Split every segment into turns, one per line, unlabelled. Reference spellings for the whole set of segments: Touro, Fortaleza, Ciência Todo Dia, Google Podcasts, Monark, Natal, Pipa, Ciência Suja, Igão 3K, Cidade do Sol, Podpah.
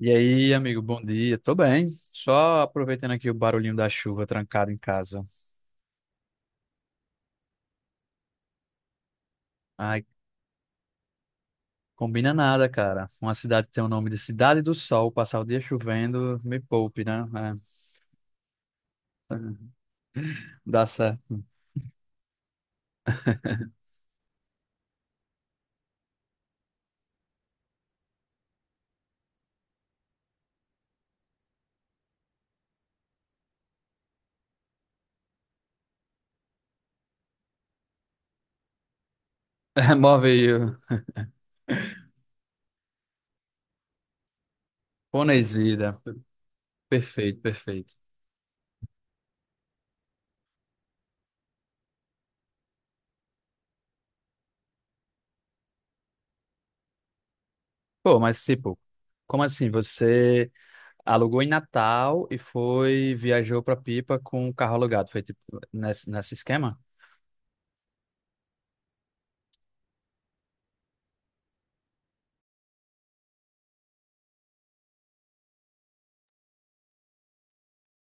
E aí, amigo, bom dia. Tô bem. Só aproveitando aqui o barulhinho da chuva trancado em casa. Ai, combina nada, cara. Uma cidade que tem o nome de Cidade do Sol, passar o dia chovendo, me poupe, né? É, dá certo. Move aí. O- Ponesida. Perfeito, perfeito. Pô, mas tipo, como assim? Você alugou em Natal e foi, viajou pra Pipa com o carro alugado? Foi tipo nesse esquema?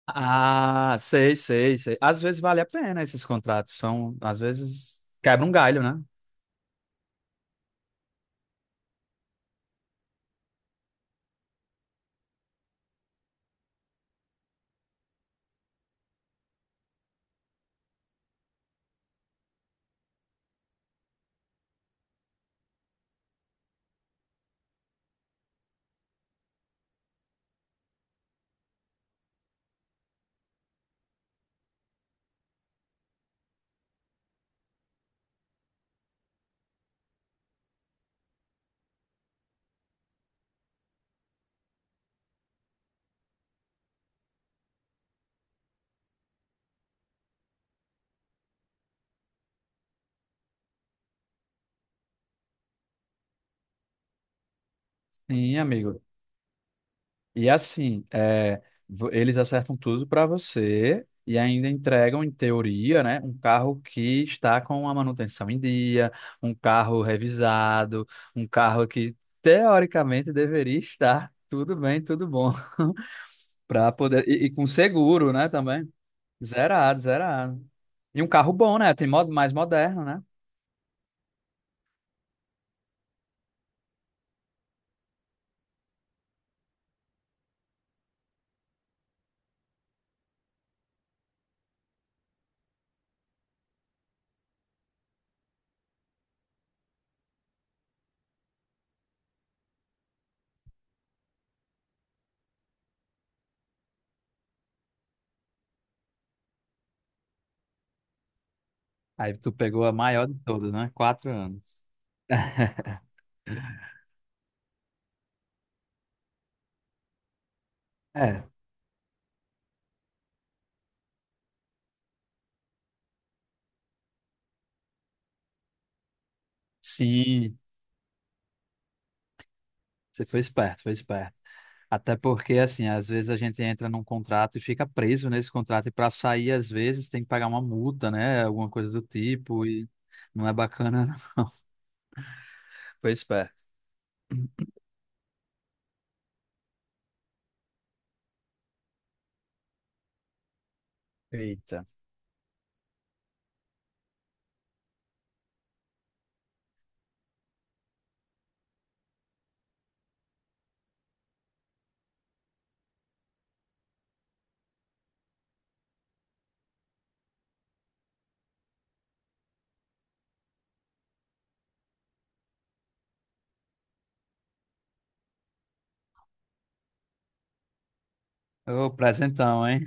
Ah, sei, sei, sei. Às vezes vale a pena esses contratos, são, às vezes quebra um galho, né? Sim, amigo. E assim, é, vo- eles acertam tudo para você e ainda entregam, em teoria, né, um carro que está com a manutenção em dia, um carro revisado, um carro que teoricamente deveria estar tudo bem, tudo bom. Para poder e com seguro, né, também. Zerado, zerado. E um carro bom, né? Tem mo- mais moderno, né? Aí tu pegou a maior de todas, né? Quatro anos. É, sim, você foi esperto, foi esperto. Até porque, assim, às vezes a gente entra num contrato e fica preso nesse contrato, e para sair, às vezes, tem que pagar uma multa, né? Alguma coisa do tipo, e não é bacana. Não. Foi esperto. Eita. Ô, presentão, hein?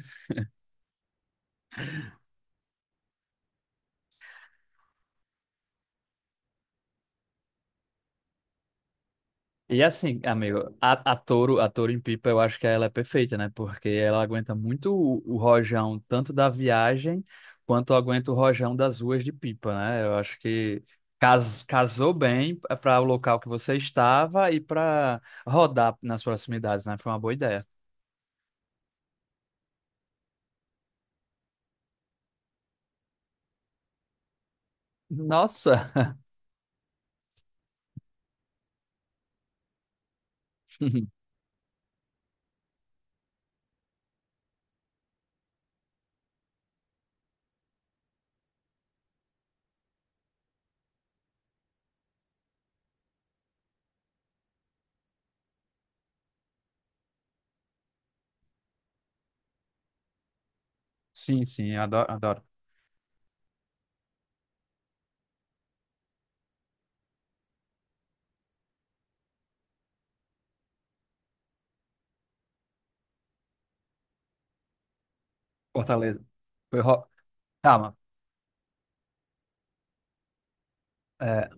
E assim, amigo, a Touro, a Touro em Pipa, eu acho que ela é perfeita, né? Porque ela aguenta muito o rojão, tanto da viagem, quanto aguenta o rojão das ruas de Pipa, né? Eu acho que cas, casou bem para o local que você estava e para rodar nas proximidades, né? Foi uma boa ideia. Nossa! Sim, sim, adoro, adoro. Fortaleza. Foi ro... Calma. É,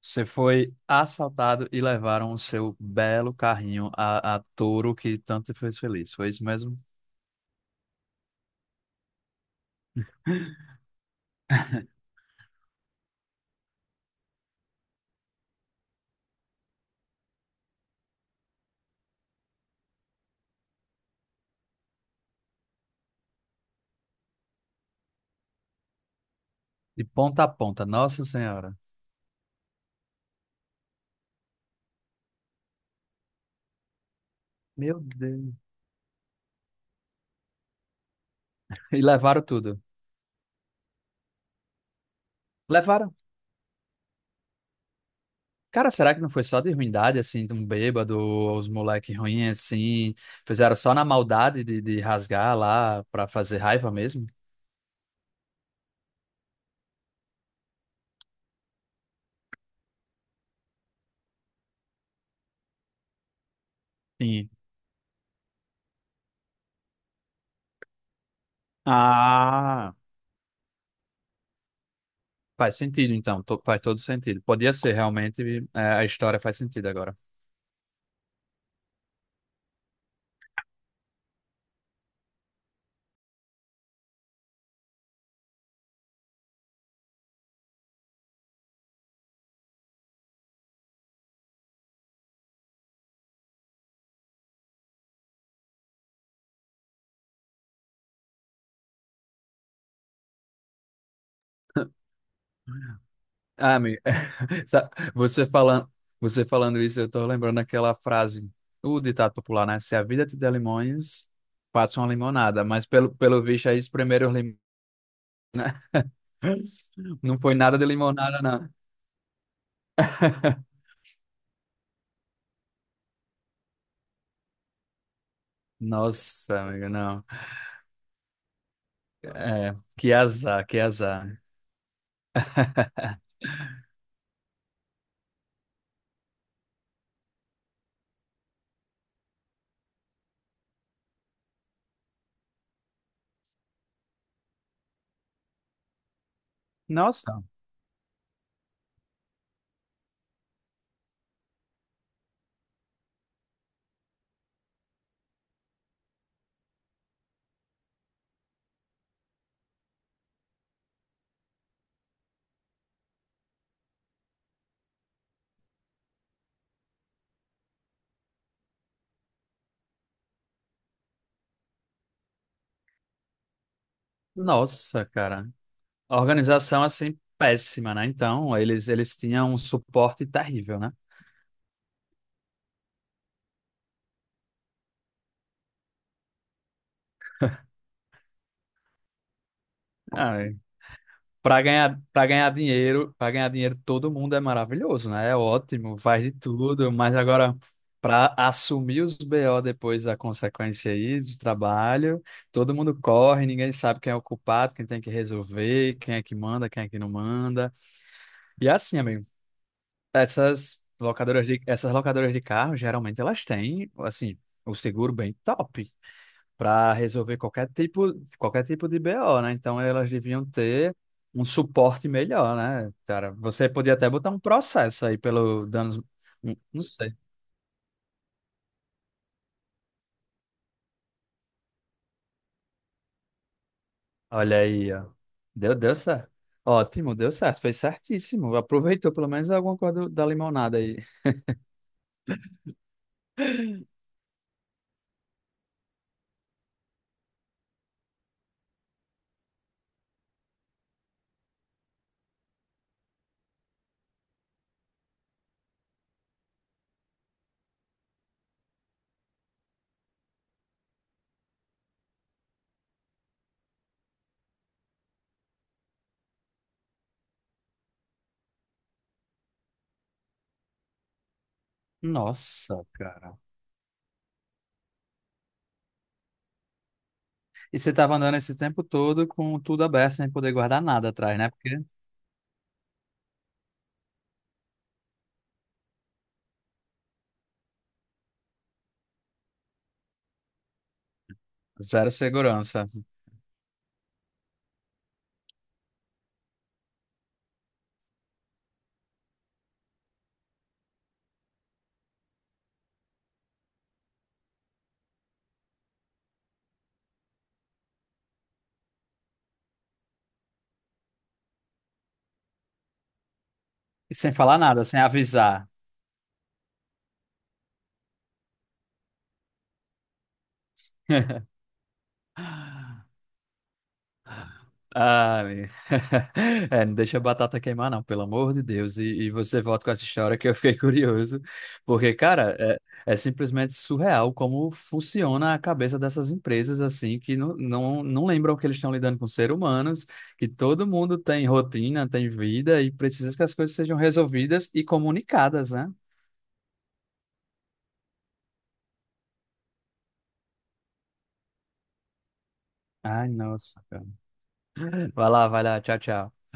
Você foi assaltado e levaram o seu belo carrinho a touro que tanto te fez feliz. Foi isso mesmo? De ponta a ponta, Nossa Senhora. Meu Deus. E levaram tudo. Levaram. Cara, será que não foi só de ruindade, assim, de um bêbado, os moleques ruins, assim, fizeram só na maldade de rasgar lá pra fazer raiva mesmo? Sim. Ah, faz sentido então, to- faz todo sentido. Podia ser realmente, é, a história faz sentido agora. Ah, amigo, sa- você falando isso, eu tô lembrando aquela frase, o ditado popular, né? Se a vida te der limões, faça uma limonada. Mas pelo visto aí, os primeiros limões, né? Não foi nada de limonada, não. Nossa, amigo, não. É, que azar, que azar. Nossa, nossa, cara. A organização assim péssima, né? Então, eles tinham um suporte terrível, né? Para ganhar dinheiro, todo mundo é maravilhoso, né? É ótimo, faz de tudo, mas agora para assumir os BO depois da consequência aí do trabalho, todo mundo corre, ninguém sabe quem é o culpado, quem tem que resolver, quem é que manda, quem é que não manda. E assim, amigo, essas locadoras de carro, geralmente elas têm, assim, o seguro bem top para resolver qualquer tipo de BO, né? Então elas deviam ter um suporte melhor, né? Cara, você podia até botar um processo aí pelo danos, não não sei. Olha aí, ó. Deu, deu certo. Ótimo, deu certo, fez certíssimo. Aproveitou pelo menos alguma coisa do- da limonada aí. Nossa, cara. E você tava andando esse tempo todo com tudo aberto, sem poder guardar nada atrás, né? Porque zero segurança. E sem falar nada, sem avisar. Ah, mi- é, não deixa a batata queimar, não, pelo amor de Deus. E você volta com essa história que eu fiquei curioso, porque, cara, é, é simplesmente surreal como funciona a cabeça dessas empresas, assim, que não, não, não lembram que eles estão lidando com seres humanos, que todo mundo tem rotina, tem vida e precisa que as coisas sejam resolvidas e comunicadas, né? Ai, nossa, cara. Vai lá, tchau, tchau.